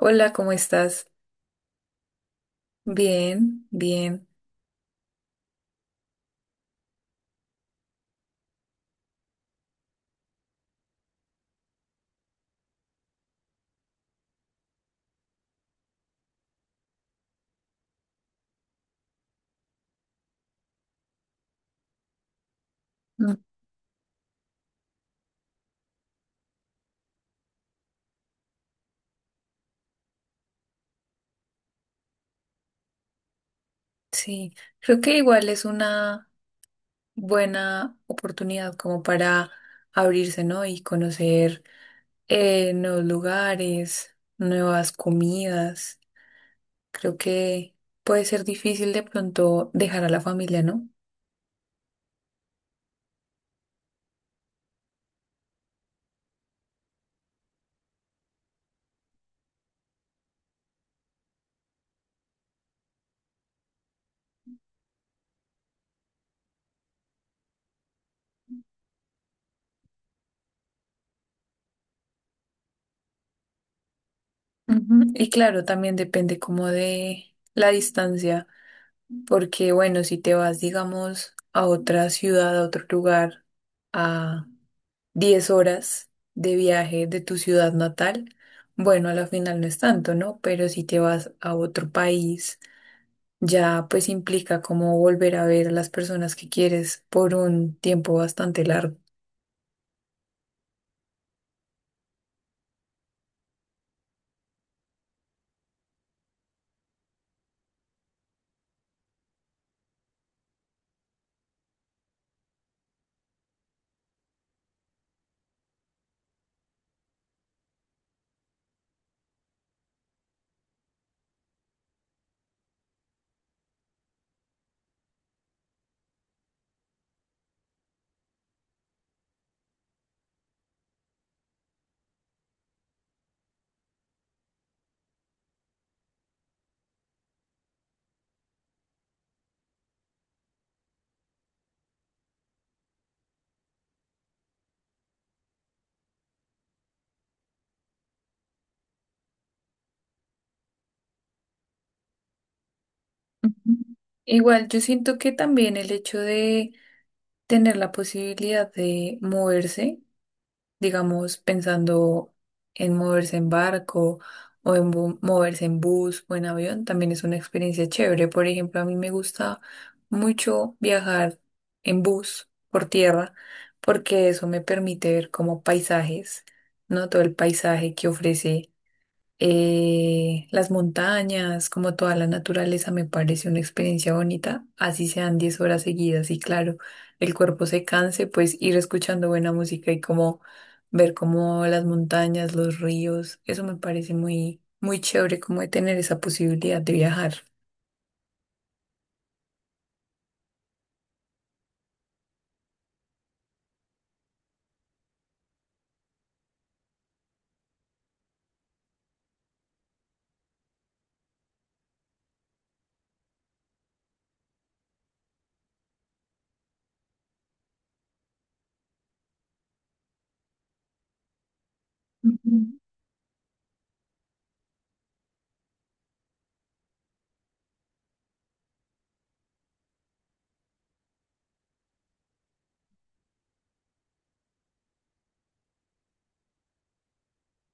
Hola, ¿cómo estás? Bien, bien. Mm, sí, creo que igual es una buena oportunidad como para abrirse, ¿no? Y conocer nuevos lugares, nuevas comidas. Creo que puede ser difícil de pronto dejar a la familia, ¿no? Ujú. Y claro, también depende como de la distancia, porque bueno, si te vas, digamos, a otra ciudad, a otro lugar, a 10 horas de viaje de tu ciudad natal, bueno, a la final no es tanto, ¿no? Pero si te vas a otro país, ya pues implica como volver a ver a las personas que quieres por un tiempo bastante largo. Ujú. Igual, yo siento que también el hecho de tener la posibilidad de moverse digamos, pensando en moverse en barco o en moverse en bus o en avión, también es una experiencia chévere. Por ejemplo, a mí me gusta mucho viajar en bus por tierra porque eso me permite ver como paisajes, ¿no? Todo el paisaje que ofrece las montañas, como toda la naturaleza, me parece una experiencia bonita, así sean 10 horas seguidas y claro, el cuerpo se canse, pues ir escuchando buena música y como ver como las montañas, los ríos, eso me parece muy, muy chévere como de tener esa posibilidad de viajar. Ujú.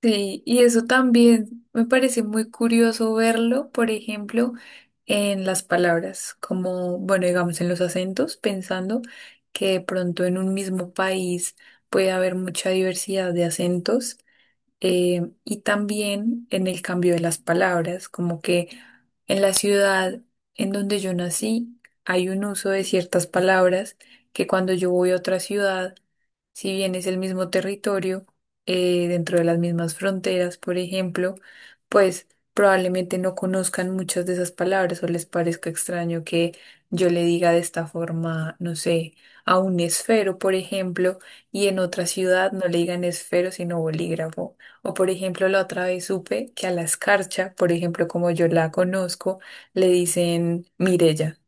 Sí, y eso también me parece muy curioso verlo, por ejemplo, en las palabras, como, bueno, digamos en los acentos, pensando que de pronto en un mismo país puede haber mucha diversidad de acentos, y también en el cambio de las palabras, como que en la ciudad en donde yo nací hay un uso de ciertas palabras que cuando yo voy a otra ciudad si bien es el mismo territorio, dentro de las mismas fronteras, por ejemplo, pues probablemente no conozcan muchas de esas palabras o les parezca extraño que yo le diga de esta forma, no sé, a un esfero, por ejemplo, y en otra ciudad no le digan esfero, sino bolígrafo. O por ejemplo, la otra vez supe que a la escarcha, por ejemplo, como yo la conozco, le dicen Mirella.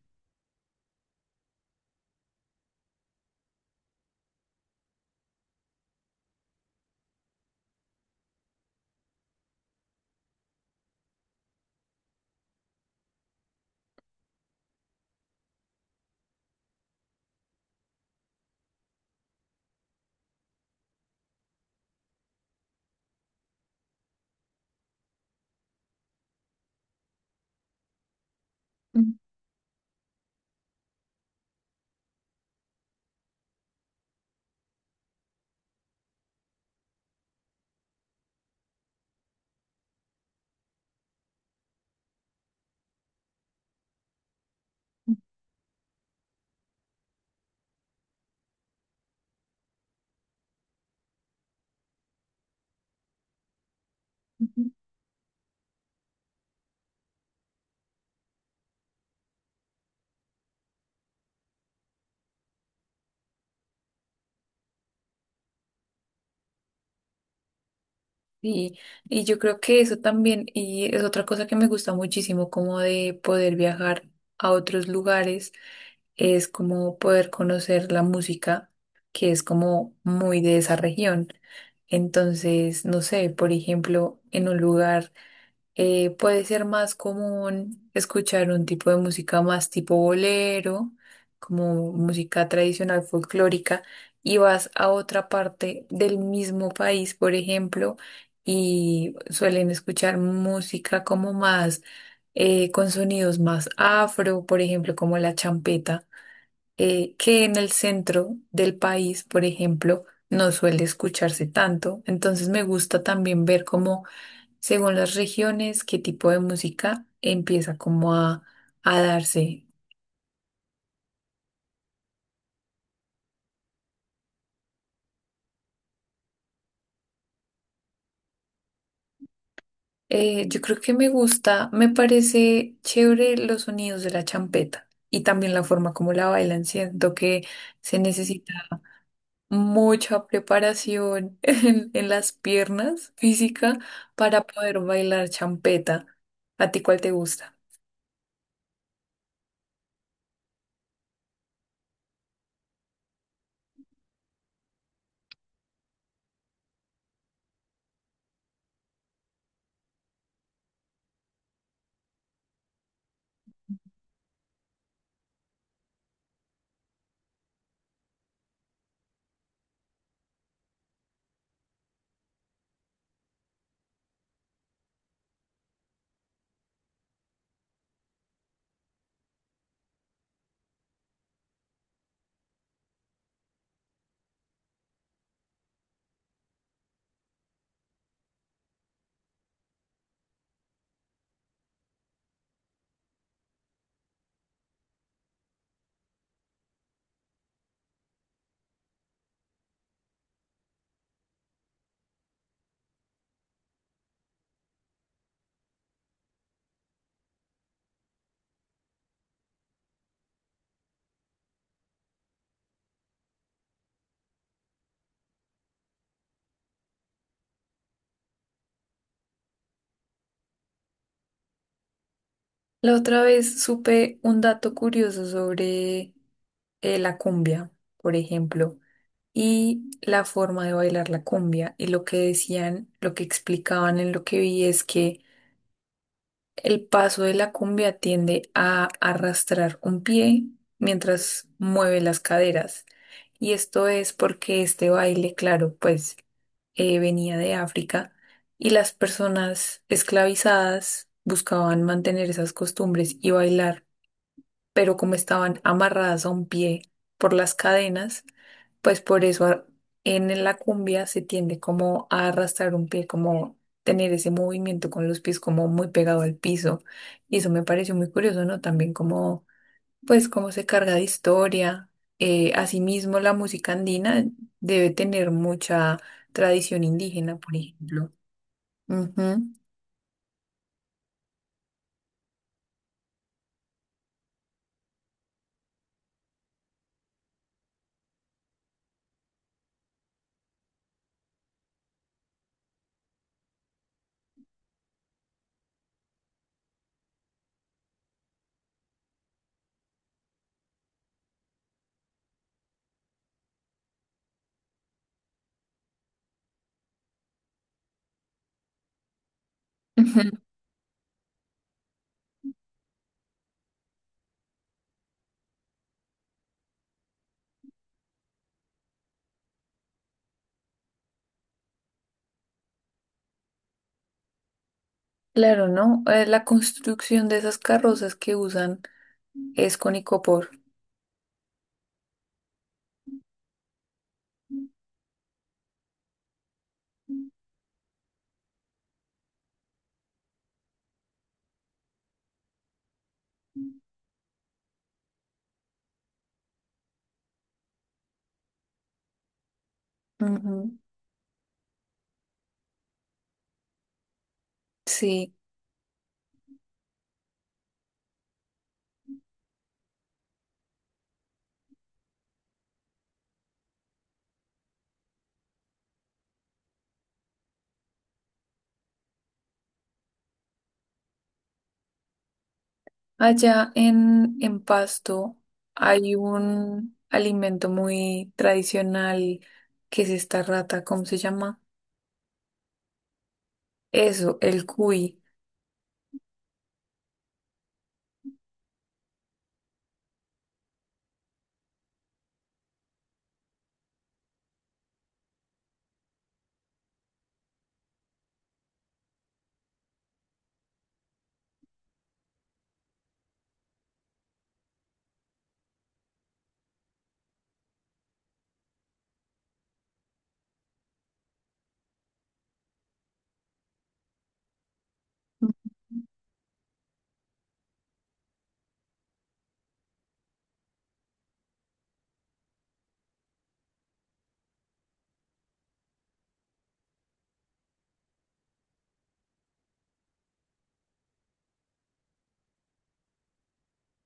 Y, y yo creo que eso también, y es otra cosa que me gusta muchísimo, como de poder viajar a otros lugares, es como poder conocer la música, que es como muy de esa región. Entonces, no sé, por ejemplo, en un lugar puede ser más común escuchar un tipo de música más tipo bolero, como música tradicional folclórica, y vas a otra parte del mismo país, por ejemplo, y suelen escuchar música como más con sonidos más afro, por ejemplo, como la champeta, que en el centro del país, por ejemplo, no suele escucharse tanto. Entonces me gusta también ver cómo según las regiones, qué tipo de música empieza como a darse. Yo creo que me gusta, me parece chévere los sonidos de la champeta y también la forma como la bailan. Siento que se necesita mucha preparación en las piernas física para poder bailar champeta. ¿A ti cuál te gusta? La otra vez supe un dato curioso sobre la cumbia, por ejemplo, y la forma de bailar la cumbia. Y lo que decían, lo que explicaban en lo que vi es que el paso de la cumbia tiende a arrastrar un pie mientras mueve las caderas. Y esto es porque este baile, claro, pues venía de África y las personas esclavizadas buscaban mantener esas costumbres y bailar pero como estaban amarradas a un pie por las cadenas, pues por eso en la cumbia se tiende como a arrastrar un pie, como tener ese movimiento con los pies como muy pegado al piso. Y eso me pareció muy curioso, ¿no? También como, pues, cómo se carga de historia. Asimismo, la música andina debe tener mucha tradición indígena, por ejemplo. Ujú. Ujú. Claro, ¿no? La construcción de esas carrozas que usan es con icopor. Ujú. Sí, allá en Pasto hay un alimento muy tradicional que es esta rata, ¿cómo se llama? Eso, el cuy.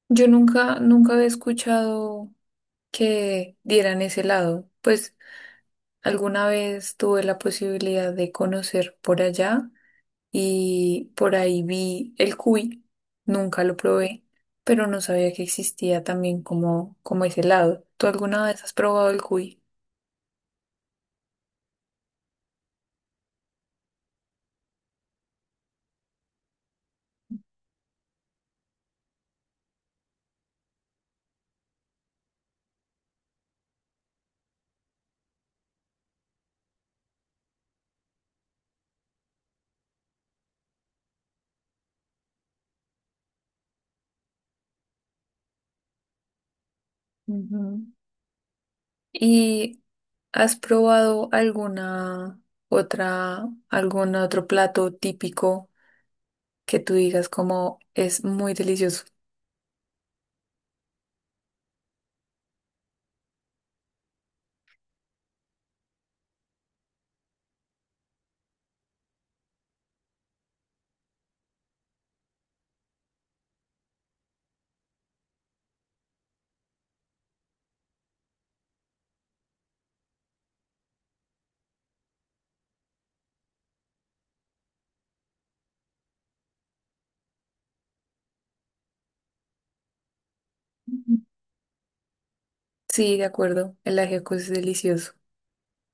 Yo nunca, nunca había escuchado que dieran ese lado. Pues alguna vez tuve la posibilidad de conocer por allá y por ahí vi el cuy, nunca lo probé, pero no sabía que existía también como, como ese helado. ¿Tú alguna vez has probado el cuy? Ujú. ¿Y has probado alguna otra, algún otro plato típico que tú digas como es muy delicioso? Ujú. Sí, de acuerdo, el ajiaco es delicioso.